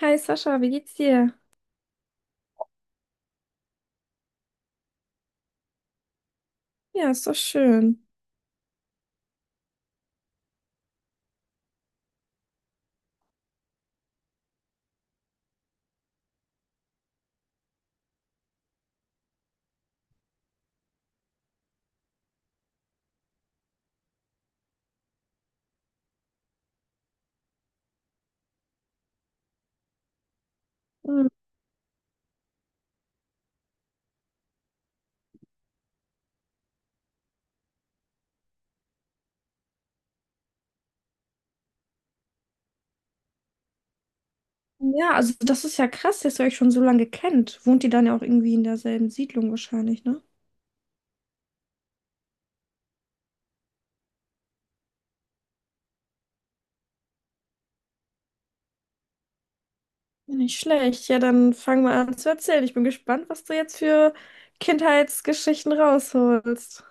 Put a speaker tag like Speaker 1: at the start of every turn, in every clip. Speaker 1: Hi Sascha, wie geht's dir? Ja, ist doch schön. Hm. Ja, also das ist ja krass, dass ihr euch schon so lange kennt. Wohnt ihr dann ja auch irgendwie in derselben Siedlung wahrscheinlich, ne? Nicht schlecht. Ja, dann fang mal an zu erzählen. Ich bin gespannt, was du jetzt für Kindheitsgeschichten rausholst.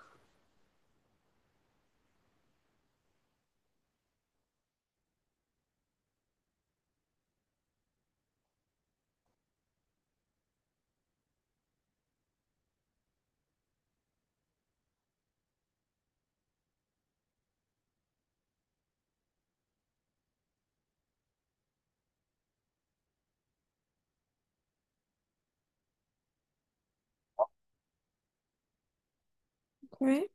Speaker 1: Okay.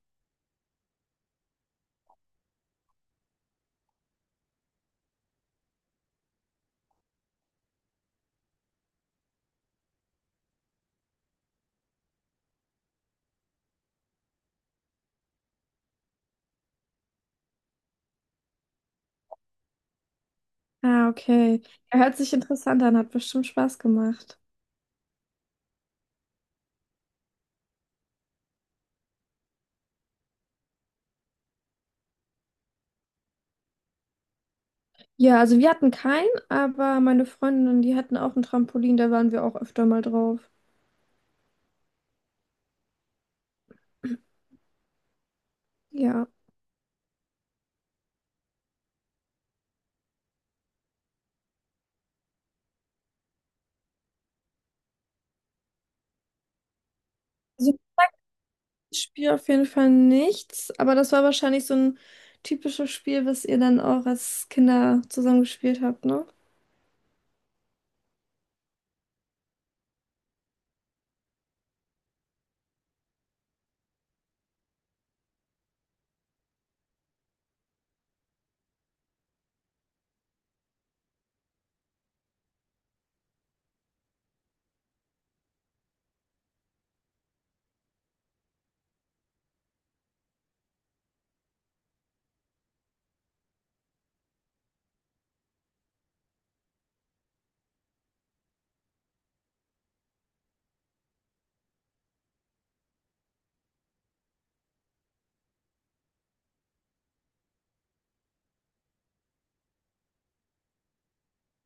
Speaker 1: Ah, okay. Er hört sich interessant an, hat bestimmt Spaß gemacht. Ja, also wir hatten keinen, aber meine Freundinnen, die hatten auch ein Trampolin, da waren wir auch öfter mal drauf. Ja. Spiel auf jeden Fall nichts, aber das war wahrscheinlich so ein typisches Spiel, was ihr dann auch als Kinder zusammen gespielt habt, ne?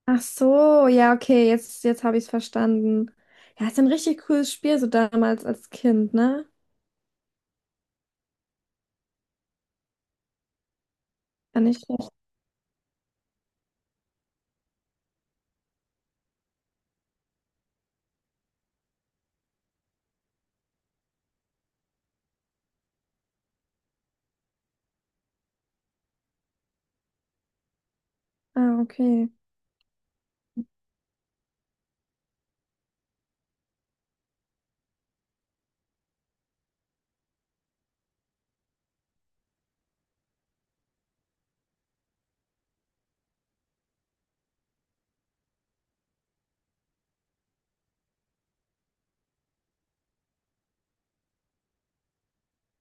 Speaker 1: Ach so, ja, okay, jetzt habe ich es verstanden. Ja, ist ein richtig cooles Spiel, so damals als Kind, ne? War nicht schlecht. Ah, okay.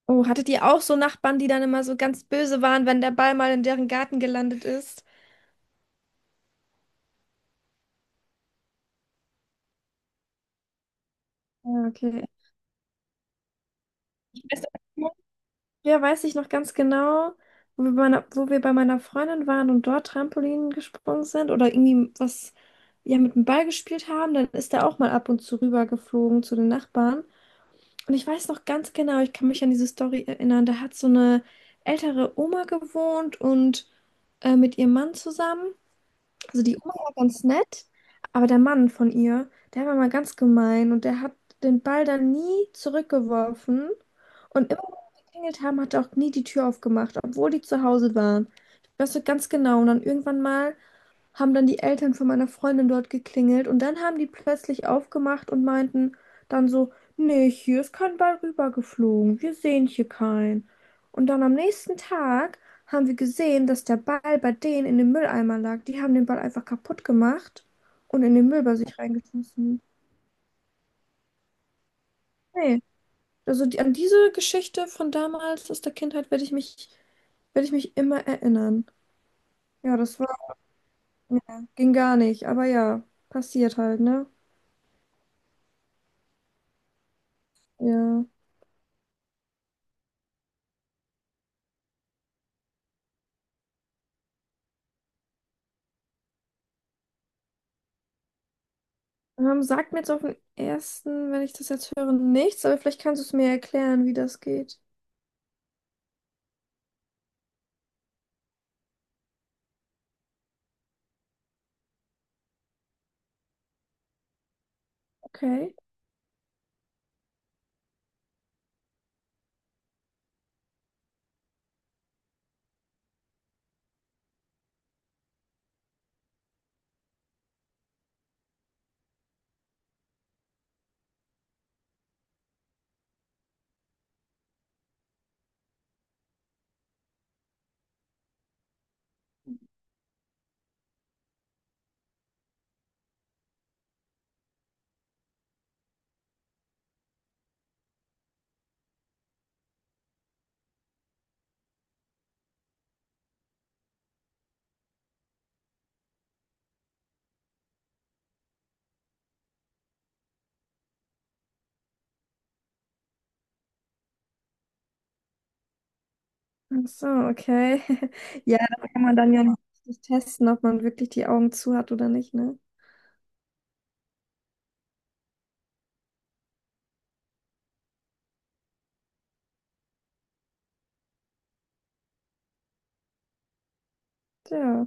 Speaker 1: Oh, hattet ihr auch so Nachbarn, die dann immer so ganz böse waren, wenn der Ball mal in deren Garten gelandet ist? Ja, okay. Ich weiß. Ja, weiß ich noch ganz genau, wo wir bei meiner Freundin waren und dort Trampolin gesprungen sind oder irgendwie was ja mit dem Ball gespielt haben, dann ist er auch mal ab und zu rübergeflogen zu den Nachbarn. Und ich weiß noch ganz genau, ich kann mich an diese Story erinnern, da hat so eine ältere Oma gewohnt und mit ihrem Mann zusammen. Also die Oma war ganz nett, aber der Mann von ihr, der war mal ganz gemein und der hat den Ball dann nie zurückgeworfen. Und immer, wenn wir geklingelt haben, hat er auch nie die Tür aufgemacht, obwohl die zu Hause waren. Ich weiß noch ganz genau. Und dann irgendwann mal haben dann die Eltern von meiner Freundin dort geklingelt und dann haben die plötzlich aufgemacht und meinten dann so, nee, hier ist kein Ball rübergeflogen, wir sehen hier keinen. Und dann am nächsten Tag haben wir gesehen, dass der Ball bei denen in dem Mülleimer lag. Die haben den Ball einfach kaputt gemacht und in den Müll bei sich reingeschmissen. Nee, also an diese Geschichte von damals aus der Kindheit werde ich mich immer erinnern. Ja, das war, ja, ging gar nicht, aber ja, passiert halt, ne? Ja. Sagt mir jetzt auf den ersten, wenn ich das jetzt höre, nichts, aber vielleicht kannst du es mir erklären, wie das geht. Okay. Ach so, okay. Ja, da kann man dann ja nicht richtig testen, ob man wirklich die Augen zu hat oder nicht, ne? Ja,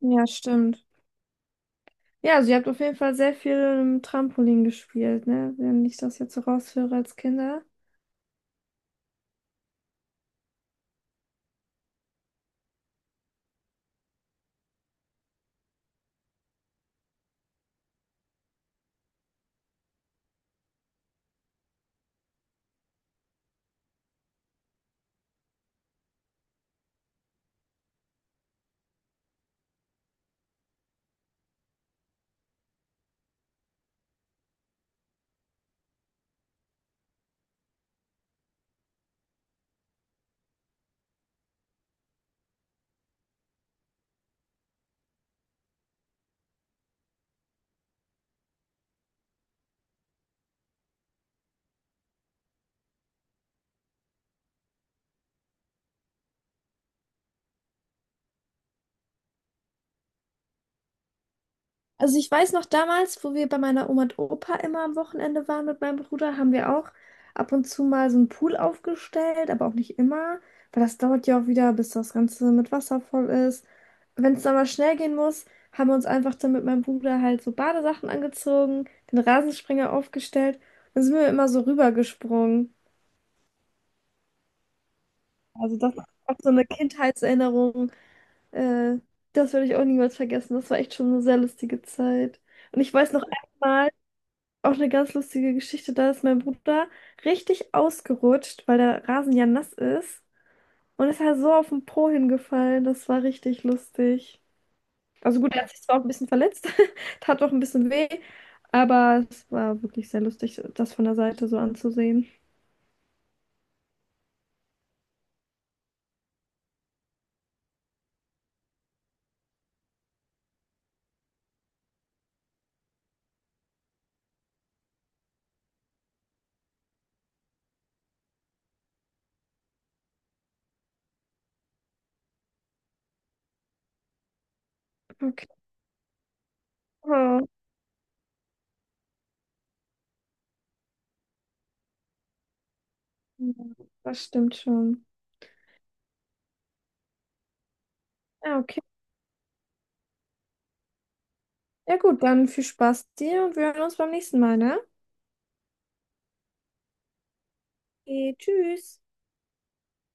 Speaker 1: ja, stimmt. Ja, also ihr habt auf jeden Fall sehr viel im Trampolin gespielt, ne? Wenn ich das jetzt so raushöre als Kinder. Also ich weiß noch damals, wo wir bei meiner Oma und Opa immer am Wochenende waren mit meinem Bruder, haben wir auch ab und zu mal so einen Pool aufgestellt, aber auch nicht immer, weil das dauert ja auch wieder, bis das Ganze mit Wasser voll ist. Wenn es dann mal schnell gehen muss, haben wir uns einfach dann mit meinem Bruder halt so Badesachen angezogen, den Rasensprenger aufgestellt und sind wir immer so rübergesprungen. Also das ist auch so eine Kindheitserinnerung. Äh, Das werde ich auch niemals vergessen. Das war echt schon eine sehr lustige Zeit. Und ich weiß noch, auch eine ganz lustige Geschichte. Da ist mein Bruder richtig ausgerutscht, weil der Rasen ja nass ist und ist halt so auf den Po hingefallen. Das war richtig lustig. Also gut, er hat sich zwar auch ein bisschen verletzt, tat auch ein bisschen weh, aber es war wirklich sehr lustig, das von der Seite so anzusehen. Okay. Oh, das stimmt schon. Ja, okay. Ja gut, dann viel Spaß dir und wir hören uns beim nächsten Mal, ne? Okay, tschüss.